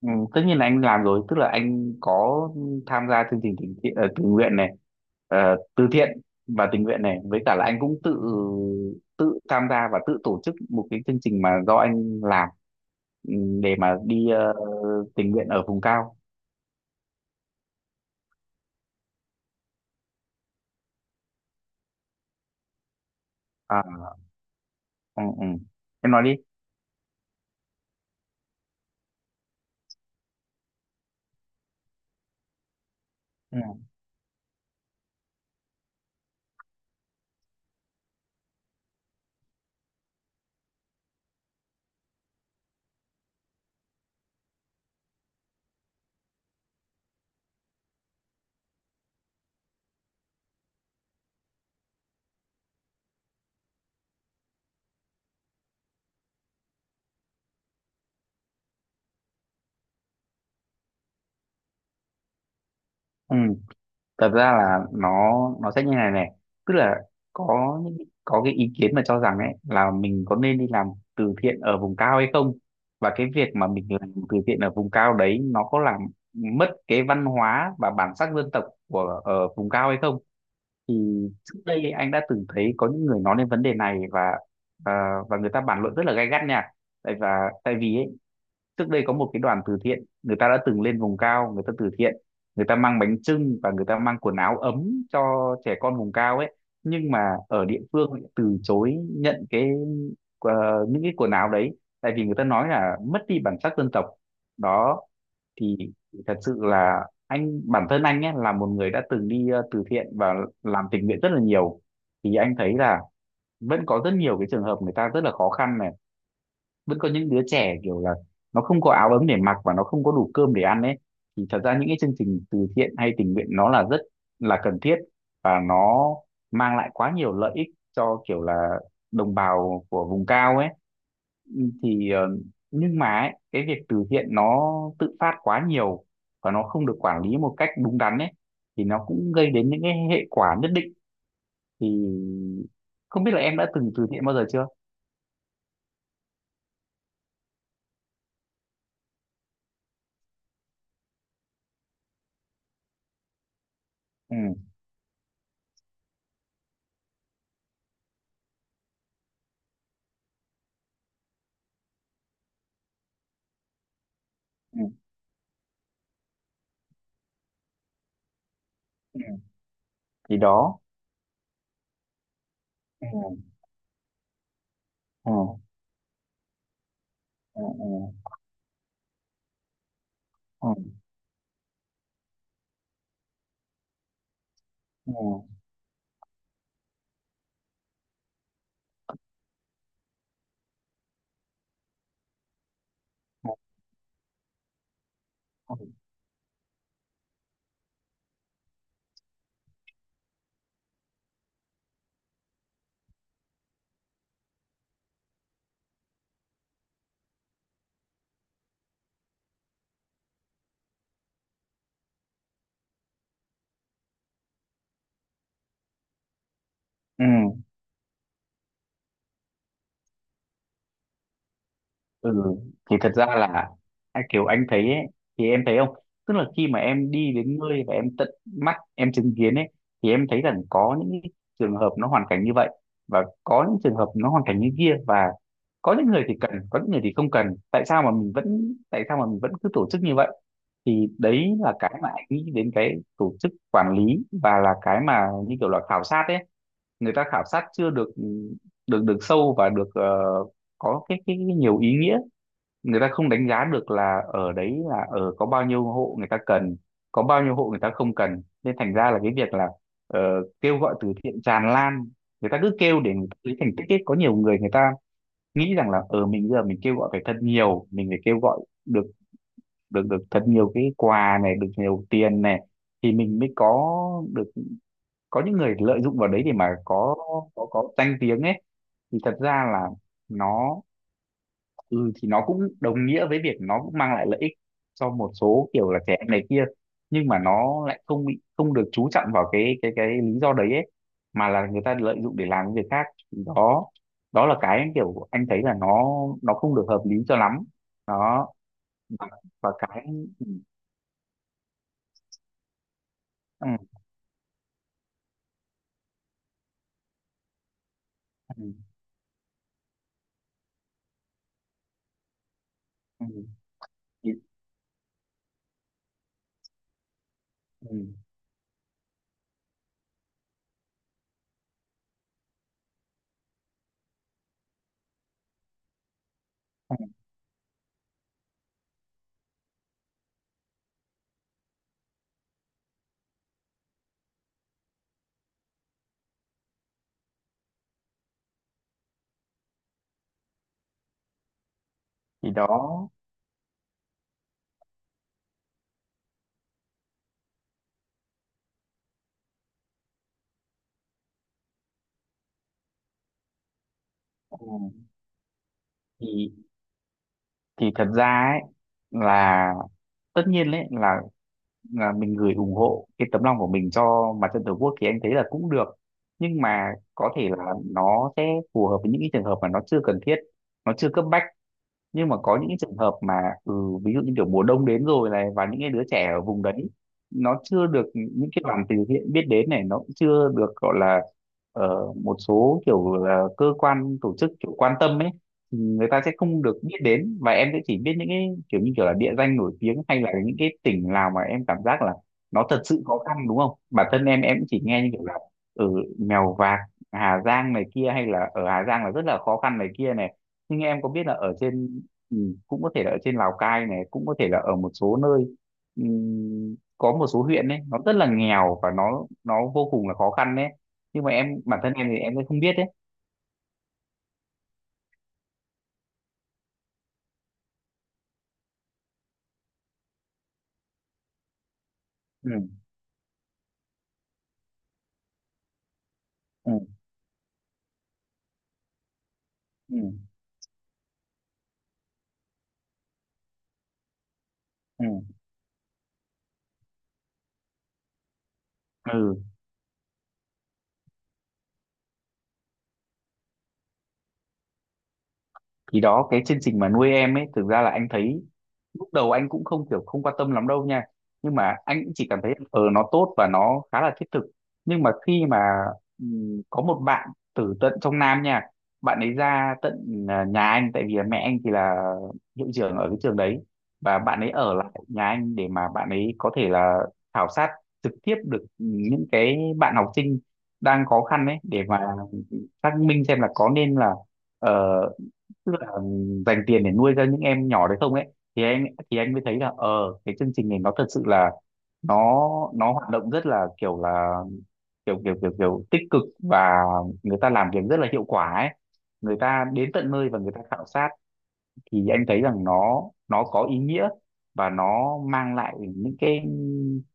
Ừ, tất nhiên là anh làm rồi, tức là anh có tham gia chương trình tình nguyện này, ờ, từ thiện và tình nguyện này, với cả là anh cũng tự tự tham gia và tự tổ chức một cái chương trình mà do anh làm, ừ, để mà đi tình nguyện ở vùng cao. À, Ừ. Em nói đi. Ừ. Ừ. Thật ra là nó sẽ như này này, tức là có những- có cái ý kiến mà cho rằng ấy là mình có nên đi làm từ thiện ở vùng cao hay không, và cái việc mà mình làm từ thiện ở vùng cao đấy nó có làm mất cái văn hóa và bản sắc dân tộc của ở vùng cao hay không. Thì trước đây anh đã từng thấy có những người nói đến vấn đề này và và người ta bàn luận rất là gay gắt nha. tại và Tại vì ấy, trước đây có một cái đoàn từ thiện, người ta đã từng lên vùng cao người ta từ thiện, người ta mang bánh chưng và người ta mang quần áo ấm cho trẻ con vùng cao ấy, nhưng mà ở địa phương lại từ chối nhận cái, ờ, những cái quần áo đấy, tại vì người ta nói là mất đi bản sắc dân tộc đó. Thì thật sự là anh, bản thân anh ấy là một người đã từng đi từ thiện và làm tình nguyện rất là nhiều, thì anh thấy là vẫn có rất nhiều cái trường hợp người ta rất là khó khăn này, vẫn có những đứa trẻ kiểu là nó không có áo ấm để mặc và nó không có đủ cơm để ăn ấy, thì thật ra những cái chương trình từ thiện hay tình nguyện nó là rất là cần thiết, và nó mang lại quá nhiều lợi ích cho kiểu là đồng bào của vùng cao ấy. Thì nhưng mà ấy, cái việc từ thiện nó tự phát quá nhiều và nó không được quản lý một cách đúng đắn ấy, thì nó cũng gây đến những cái hệ quả nhất định. Thì không biết là em đã từng từ thiện bao giờ chưa. Ừ, ừ, ừ. Thì đó. Ừ. Ừ. Ừ. Ừ, ừ, ừ, ừ, ừ, ừ. Thì thật ra là à, kiểu anh thấy ấy, thì em thấy không, tức là khi mà em đi đến nơi và em tận mắt em chứng kiến ấy, thì em thấy rằng có những cái trường hợp nó hoàn cảnh như vậy, và có những trường hợp nó hoàn cảnh như kia, và có những người thì cần, có những người thì không cần, tại sao mà mình vẫn cứ tổ chức như vậy. Thì đấy là cái mà anh nghĩ đến cái tổ chức quản lý, và là cái mà như kiểu là khảo sát ấy. Người ta khảo sát chưa được được được sâu và được có cái nhiều ý nghĩa. Người ta không đánh giá được là ở đấy là ở có bao nhiêu hộ người ta cần, có bao nhiêu hộ người ta không cần, nên thành ra là cái việc là ờ, kêu gọi từ thiện tràn lan, người ta cứ kêu để người ta lấy thành tích ấy. Có nhiều người người ta nghĩ rằng là ở mình bây giờ mình kêu gọi phải thật nhiều, mình phải kêu gọi được được được thật nhiều cái quà này, được nhiều tiền này, thì mình mới có được, có những người lợi dụng vào đấy để mà có có danh tiếng ấy. Thì thật ra là nó, ừ thì nó cũng đồng nghĩa với việc nó cũng mang lại lợi ích cho một số kiểu là trẻ em này kia, nhưng mà nó lại không bị không được chú trọng vào cái cái lý do đấy ấy, mà là người ta lợi dụng để làm những việc khác. Thì đó, đó là cái kiểu anh thấy là nó không được hợp lý cho lắm đó. Và, và cái Ừ, ừ, ừ, ừ, thì, ừ, ừ, thì đó. Ừ, thì thì thật ra ấy là tất nhiên là mình gửi ủng hộ cái tấm lòng của mình cho mặt trận tổ quốc thì anh thấy là cũng được, nhưng mà có thể là nó sẽ phù hợp với những cái trường hợp mà nó chưa cần thiết, nó chưa cấp bách. Nhưng mà có những cái trường hợp mà, ừ, ví dụ như kiểu mùa đông đến rồi này, và những cái đứa trẻ ở vùng đấy nó chưa được những cái đoàn từ thiện biết đến này, nó cũng chưa được gọi là một số kiểu là cơ quan tổ chức kiểu quan tâm ấy, thì người ta sẽ không được biết đến. Và em sẽ chỉ biết những cái kiểu như kiểu là địa danh nổi tiếng hay là những cái tỉnh nào mà em cảm giác là nó thật sự khó khăn đúng không, bản thân em cũng chỉ nghe như kiểu là ở Mèo Vạc, Hà Giang này kia, hay là ở Hà Giang là rất là khó khăn này kia này. Nhưng em có biết là ở trên, ừ, cũng có thể là ở trên Lào Cai này, cũng có thể là ở một số nơi, có một số huyện ấy nó rất là nghèo và nó vô cùng là khó khăn đấy, nhưng mà em bản thân em thì em cũng không biết đấy. Ừ, ừ, ừ, ừ. Ừ. Thì đó, cái chương trình mà nuôi em ấy thực ra là anh thấy lúc đầu anh cũng không kiểu không quan tâm lắm đâu nha, nhưng mà anh cũng chỉ cảm thấy ờ nó tốt và nó khá là thiết thực. Nhưng mà khi mà, có một bạn từ tận trong Nam nha, bạn ấy ra tận à, nhà anh tại vì là mẹ anh thì là hiệu trưởng ở cái trường đấy, và bạn ấy ở lại nhà anh để mà bạn ấy có thể là khảo sát trực tiếp được những cái bạn học sinh đang khó khăn ấy, để mà xác minh xem là có nên là ờ, tức là dành tiền để nuôi ra những em nhỏ đấy không ấy. Thì anh, anh mới thấy là ờ cái chương trình này nó thật sự là nó nó hoạt động rất là kiểu kiểu kiểu kiểu tích cực, và người ta làm việc rất là hiệu quả ấy, người ta đến tận nơi và người ta khảo sát. Thì anh thấy rằng nó có ý nghĩa, và nó mang lại những cái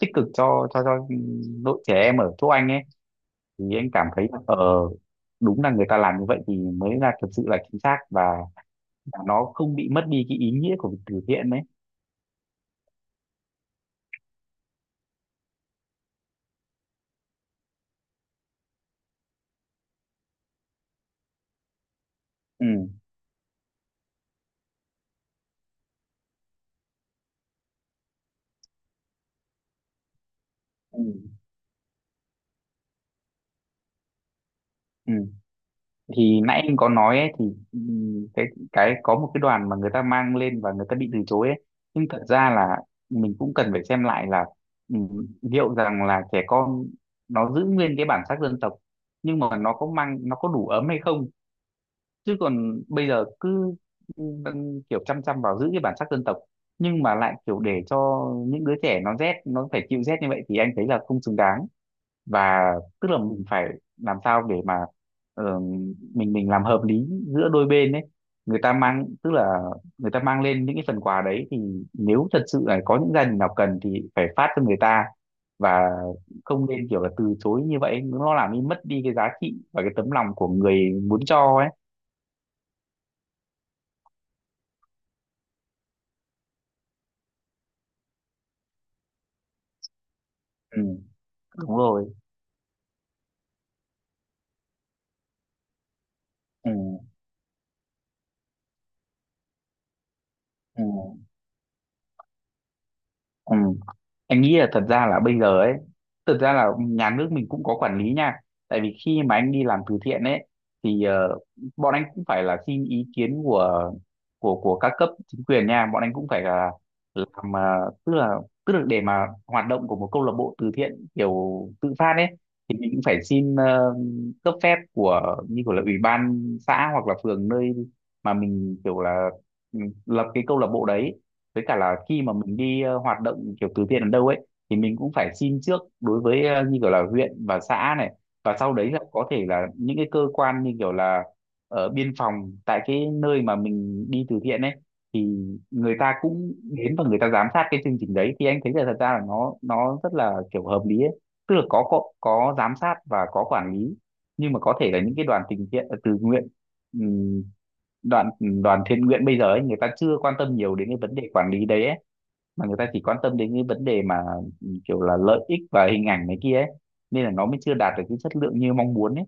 tích cực cho cho đội trẻ em ở chỗ anh ấy. Thì anh cảm thấy là ờ đúng là người ta làm như vậy thì mới là thật sự là chính xác, và nó không bị mất đi cái ý nghĩa của việc từ thiện đấy. Ừ. Ừ. Ừ. Thì nãy anh có nói ấy, thì, ừ, cái cái có một cái đoàn mà người ta mang lên và người ta bị từ chối ấy, nhưng thật ra là mình cũng cần phải xem lại là, ừ, liệu rằng là trẻ con nó giữ nguyên cái bản sắc dân tộc, nhưng mà nó có mang nó có đủ ấm hay không. Chứ còn bây giờ cứ, ừ, kiểu chăm chăm vào giữ cái bản sắc dân tộc, nhưng mà lại kiểu để cho những đứa trẻ nó rét, nó phải chịu rét như vậy thì anh thấy là không xứng đáng. Và tức là mình phải làm sao để mà ờ, mình làm hợp lý giữa đôi bên đấy. Người ta mang, tức là người ta mang lên những cái phần quà đấy, thì nếu thật sự là có những gia đình nào cần thì phải phát cho người ta, và không nên kiểu là từ chối như vậy, nó làm đi mất đi cái giá trị và cái tấm lòng của người muốn cho ấy. Ừ, đúng rồi. Ừ, ừ, ừ. Anh nghĩ là thật ra là bây giờ ấy, thật ra là nhà nước mình cũng có quản lý nha, tại vì khi mà anh đi làm từ thiện ấy, thì bọn anh cũng phải là xin ý kiến của của các cấp chính quyền nha, bọn anh cũng phải là làm tức là để mà hoạt động của một câu lạc bộ từ thiện kiểu tự phát ấy, thì mình cũng phải xin cấp phép của như kiểu là ủy ban xã hoặc là phường nơi mà mình kiểu là, ừ, lập cái câu lạc bộ đấy. Với cả là khi mà mình đi hoạt động kiểu từ thiện ở đâu ấy, thì mình cũng phải xin trước đối với như kiểu là huyện và xã này, và sau đấy là có thể là những cái cơ quan như kiểu là ở biên phòng tại cái nơi mà mình đi từ thiện ấy, thì người ta cũng đến và người ta giám sát cái chương trình đấy. Thì anh thấy là thật ra là nó rất là kiểu hợp lý ấy, tức là có giám sát và có quản lý. Nhưng mà có thể là những cái đoàn tình thiện từ nguyện, đoàn đoàn thiện nguyện bây giờ ấy, người ta chưa quan tâm nhiều đến cái vấn đề quản lý đấy ấy, mà người ta chỉ quan tâm đến cái vấn đề mà, ừ, kiểu là lợi ích và hình ảnh này kia ấy, nên là nó mới chưa đạt được cái chất lượng như mong muốn ấy.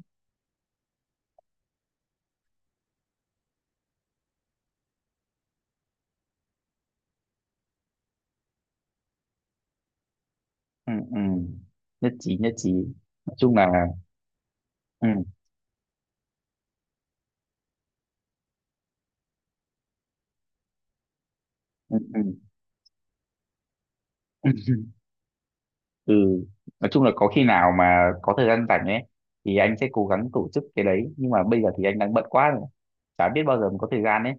Ừ, ừ. Nhất trí, nhất trí. Nói chung là ừ, ừ, ừ. Ừ. Nói chung là có khi nào mà có thời gian rảnh ấy, thì anh sẽ cố gắng tổ chức cái đấy, nhưng mà bây giờ thì anh đang bận quá rồi, chả biết bao giờ mới có thời gian ấy.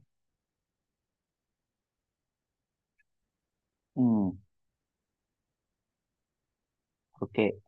Ừ, ok